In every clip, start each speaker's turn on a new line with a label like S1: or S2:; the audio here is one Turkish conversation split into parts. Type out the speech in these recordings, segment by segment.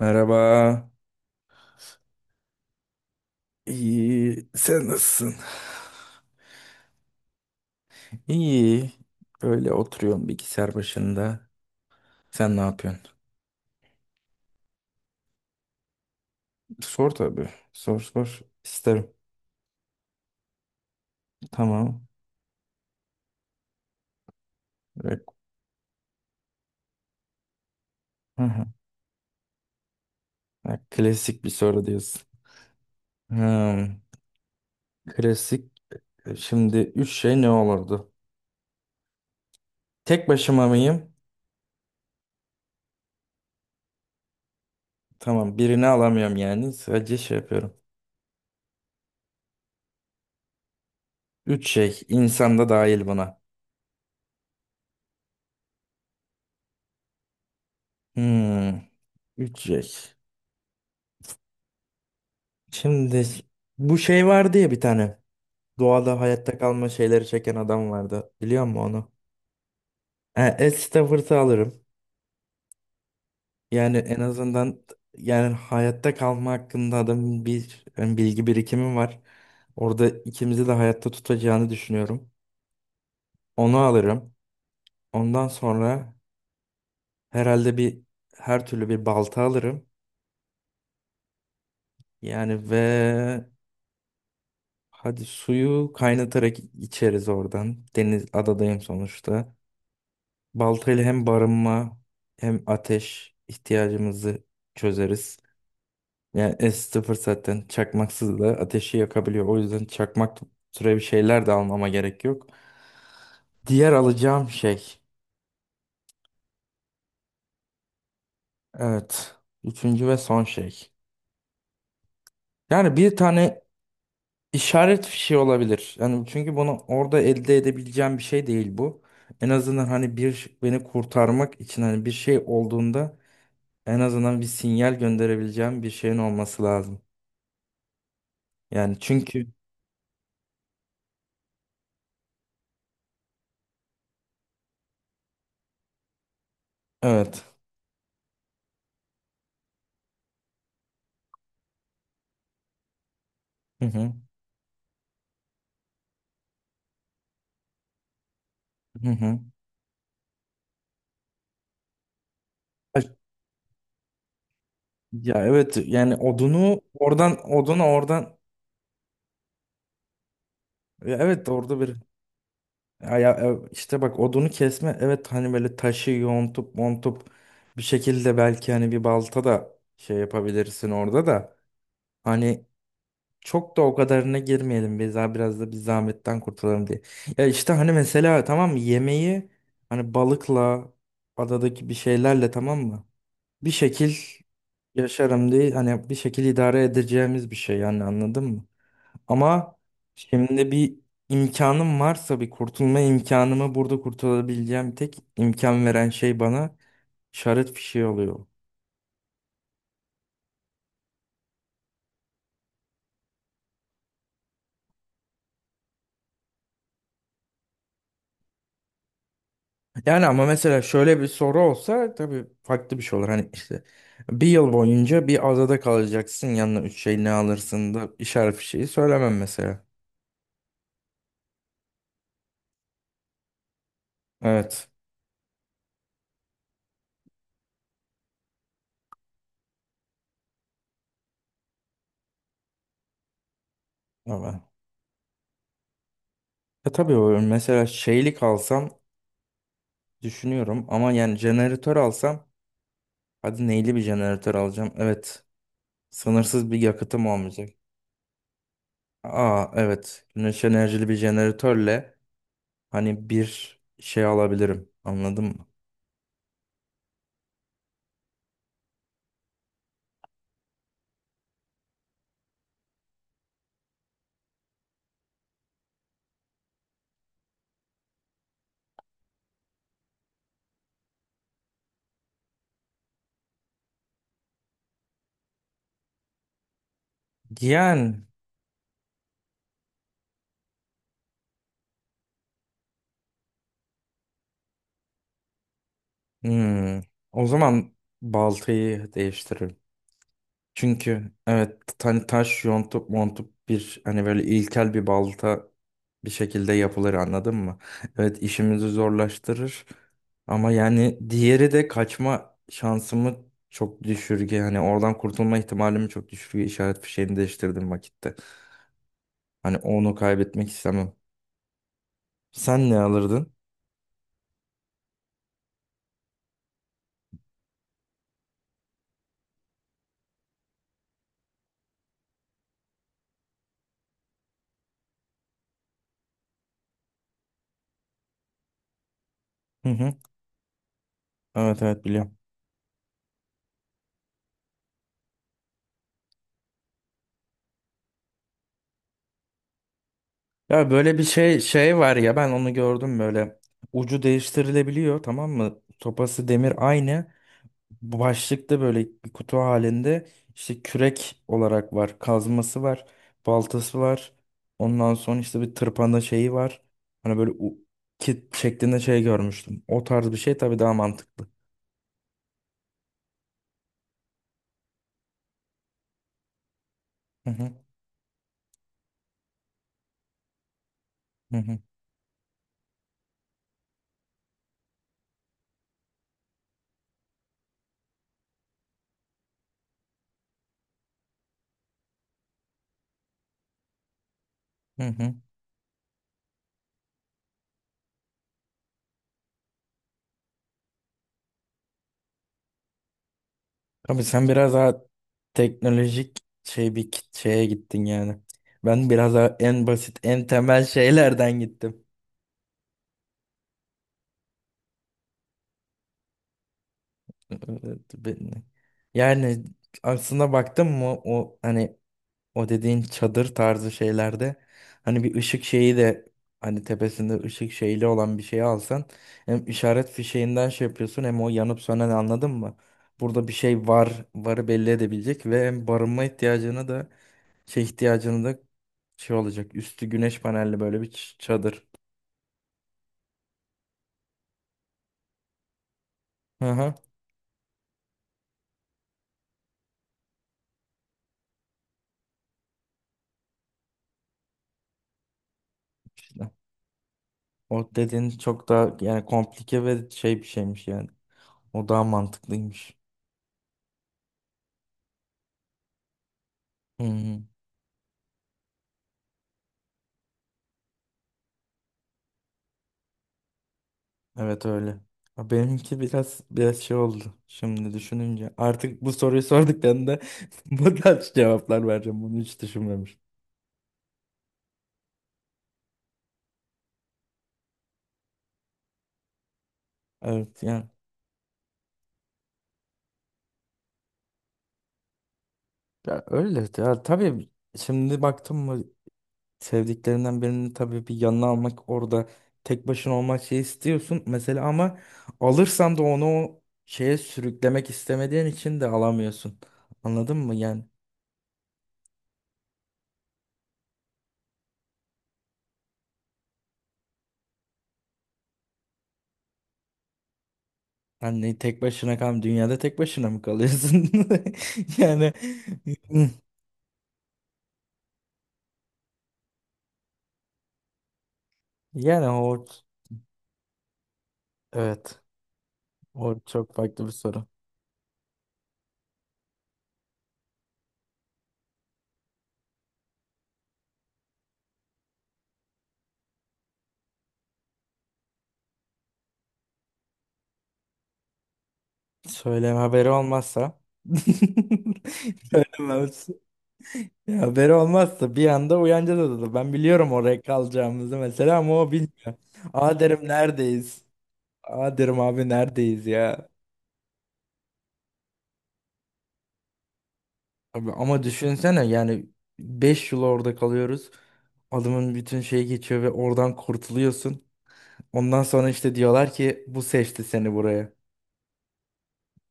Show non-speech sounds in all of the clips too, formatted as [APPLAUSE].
S1: Merhaba. İyi. Sen nasılsın? İyi. Böyle oturuyorum bilgisayar başında. Sen ne yapıyorsun? Sor tabii. Sor sor. İsterim. Tamam. Re- Hı hı. Ha, klasik bir soru diyorsun. Hmm. Klasik. Şimdi üç şey ne olurdu? Tek başıma mıyım? Tamam. Birini alamıyorum yani. Sadece şey yapıyorum. Üç şey. İnsan da dahil buna. Hmm. Üç şey. Şimdi bu şey var diye bir tane. Doğada hayatta kalma şeyleri çeken adam vardı. Biliyor musun onu? E, Ed Stafford'ı alırım. Yani en azından yani hayatta kalma hakkında adamın bir yani bilgi birikimi var. Orada ikimizi de hayatta tutacağını düşünüyorum. Onu alırım. Ondan sonra herhalde bir her türlü bir balta alırım. Yani ve hadi suyu kaynatarak içeriz oradan. Deniz adadayım sonuçta. Baltayla hem barınma hem ateş ihtiyacımızı çözeriz. Yani S0 zaten çakmaksız da ateşi yakabiliyor. O yüzden çakmak türevi şeyler de almama gerek yok. Diğer alacağım şey. Evet. Üçüncü ve son şey. Yani bir tane işaret fişi olabilir. Yani çünkü bunu orada elde edebileceğim bir şey değil bu. En azından hani bir beni kurtarmak için hani bir şey olduğunda en azından bir sinyal gönderebileceğim bir şeyin olması lazım. Yani çünkü evet. Hı hı. Hı hı. Ay, ya evet yani odunu oradan odunu oradan ya evet orada bir ya, işte bak odunu kesme evet hani böyle taşı yontup montup bir şekilde belki hani bir balta da şey yapabilirsin orada da hani çok da o kadarına girmeyelim biz daha biraz da bir zahmetten kurtulalım diye. Ya işte hani mesela tamam mı yemeği hani balıkla adadaki bir şeylerle tamam mı? Bir şekil yaşarım değil hani bir şekil idare edeceğimiz bir şey yani anladın mı? Ama şimdi bir imkanım varsa bir kurtulma imkanımı burada kurtulabileceğim tek imkan veren şey bana şarap fişeği oluyor. Yani ama mesela şöyle bir soru olsa tabii farklı bir şey olur. Hani işte bir yıl boyunca bir adada kalacaksın yanına üç şey ne alırsın da işaret bir şeyi söylemem mesela. Evet. Ama. E tabii o mesela şeylik alsam düşünüyorum ama yani jeneratör alsam hadi neyli bir jeneratör alacağım? Evet. Sınırsız bir yakıtım olmayacak. Aa evet. Güneş enerjili bir jeneratörle hani bir şey alabilirim. Anladın mı? Yani hmm, o zaman baltayı değiştiririm. Çünkü evet hani taş yontup montup bir hani böyle ilkel bir balta bir şekilde yapılır anladın mı? Evet işimizi zorlaştırır ama yani diğeri de kaçma şansımı çok düşürge hani oradan kurtulma ihtimalimi çok düşürge işaret fişeğini değiştirdim vakitte. Hani onu kaybetmek istemem. Sen ne alırdın? Hı hı. Evet evet biliyorum. Ya böyle bir şey şey var ya ben onu gördüm böyle. Ucu değiştirilebiliyor tamam mı? Sopası demir aynı. Bu başlıkta böyle bir kutu halinde işte kürek olarak var. Kazması var. Baltası var. Ondan sonra işte bir tırpanda şeyi var. Hani böyle kit şeklinde şey görmüştüm. O tarz bir şey tabii daha mantıklı. Hı hı hı hı hı. Hı. Abi sen biraz daha teknolojik şey bir şeye gittin yani. Ben biraz daha en basit, en temel [LAUGHS] şeylerden gittim. Evet, yani aslında baktım mı o hani o dediğin çadır tarzı şeylerde hani bir ışık şeyi de hani tepesinde ışık şeyli olan bir şey alsan hem işaret fişeğinden şey yapıyorsun hem o yanıp sönen anladın mı? Burada bir şey var, varı belli edebilecek ve hem barınma ihtiyacını da şey ihtiyacını da şey olacak. Üstü güneş panelli böyle bir çadır. Hı hı. İşte. O dediğin çok daha yani komplike ve şey bir şeymiş yani. O daha mantıklıymış. Hı hı. Evet öyle. Ha, benimki biraz şey oldu. Şimdi düşününce artık bu soruyu sorduklarında [LAUGHS] bu tarz cevaplar vereceğim. Bunu hiç düşünmemiştim. Evet yani. Ya öyle. Ya, tabii şimdi baktım mı sevdiklerinden birini tabii bir yanına almak orada tek başına olmak şey istiyorsun mesela ama alırsan da onu o şeye sürüklemek istemediğin için de alamıyorsun. Anladın mı? Yani hani tek başına kal dünyada tek başına mı kalıyorsun? [LAUGHS] Yani yani o evet o çok farklı bir soru. Söyleme haberi olmazsa [LAUGHS] söylemez. Ya haberi olmazsa bir anda uyanacağız odada. Ben biliyorum oraya kalacağımızı mesela ama o bilmiyor. Aa derim neredeyiz? Aa derim abi neredeyiz ya? Abi, ama düşünsene yani 5 yıl orada kalıyoruz. Adamın bütün şeyi geçiyor ve oradan kurtuluyorsun. Ondan sonra işte diyorlar ki bu seçti seni buraya.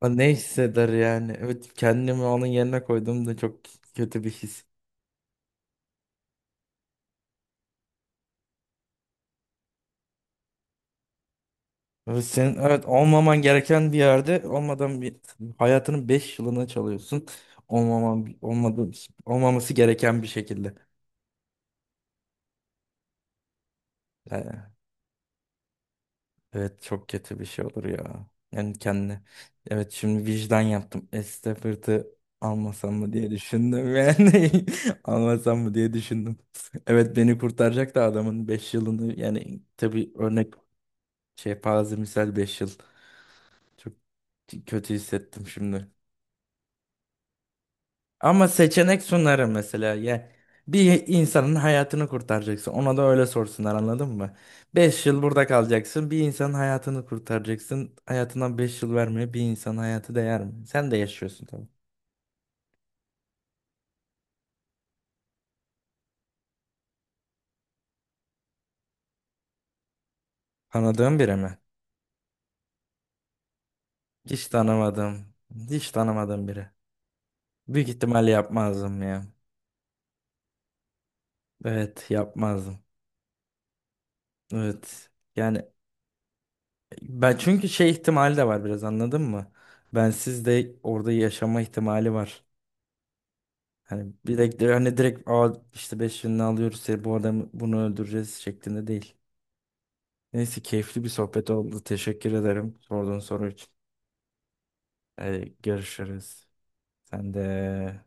S1: Aa, ne hisseder yani? Evet kendimi onun yerine koyduğumda çok kötü bir his. Evet, senin evet olmaman gereken bir yerde olmadan bir hayatının 5 yılını çalıyorsun. Olmaman olmadı Olmaması gereken bir şekilde. Yani, evet çok kötü bir şey olur ya. Yani kendine. Evet şimdi vicdan yaptım. Estafir'i almasam mı diye düşündüm yani. [LAUGHS] Almasam mı diye düşündüm. Evet beni kurtaracak da adamın 5 yılını yani tabii örnek şey parazimsel 5 yıl. Çok kötü hissettim şimdi. Ama seçenek sunar mesela. Ya bir insanın hayatını kurtaracaksın. Ona da öyle sorsunlar anladın mı? 5 yıl burada kalacaksın. Bir insanın hayatını kurtaracaksın. Hayatından 5 yıl vermeye bir insanın hayatı değer mi? Sen de yaşıyorsun tabii. Tanıdığın biri mi? Hiç tanımadım. Hiç tanımadığım biri. Büyük ihtimalle yapmazdım ya. Evet yapmazdım. Evet. Yani ben çünkü şey ihtimali de var biraz anladın mı? Bensiz de orada yaşama ihtimali var. Hani direkt Aa, işte 5 yılını alıyoruz seni bu adamı bunu öldüreceğiz şeklinde değil. Neyse keyifli bir sohbet oldu. Teşekkür ederim sorduğun soru için. Görüşürüz. Sen de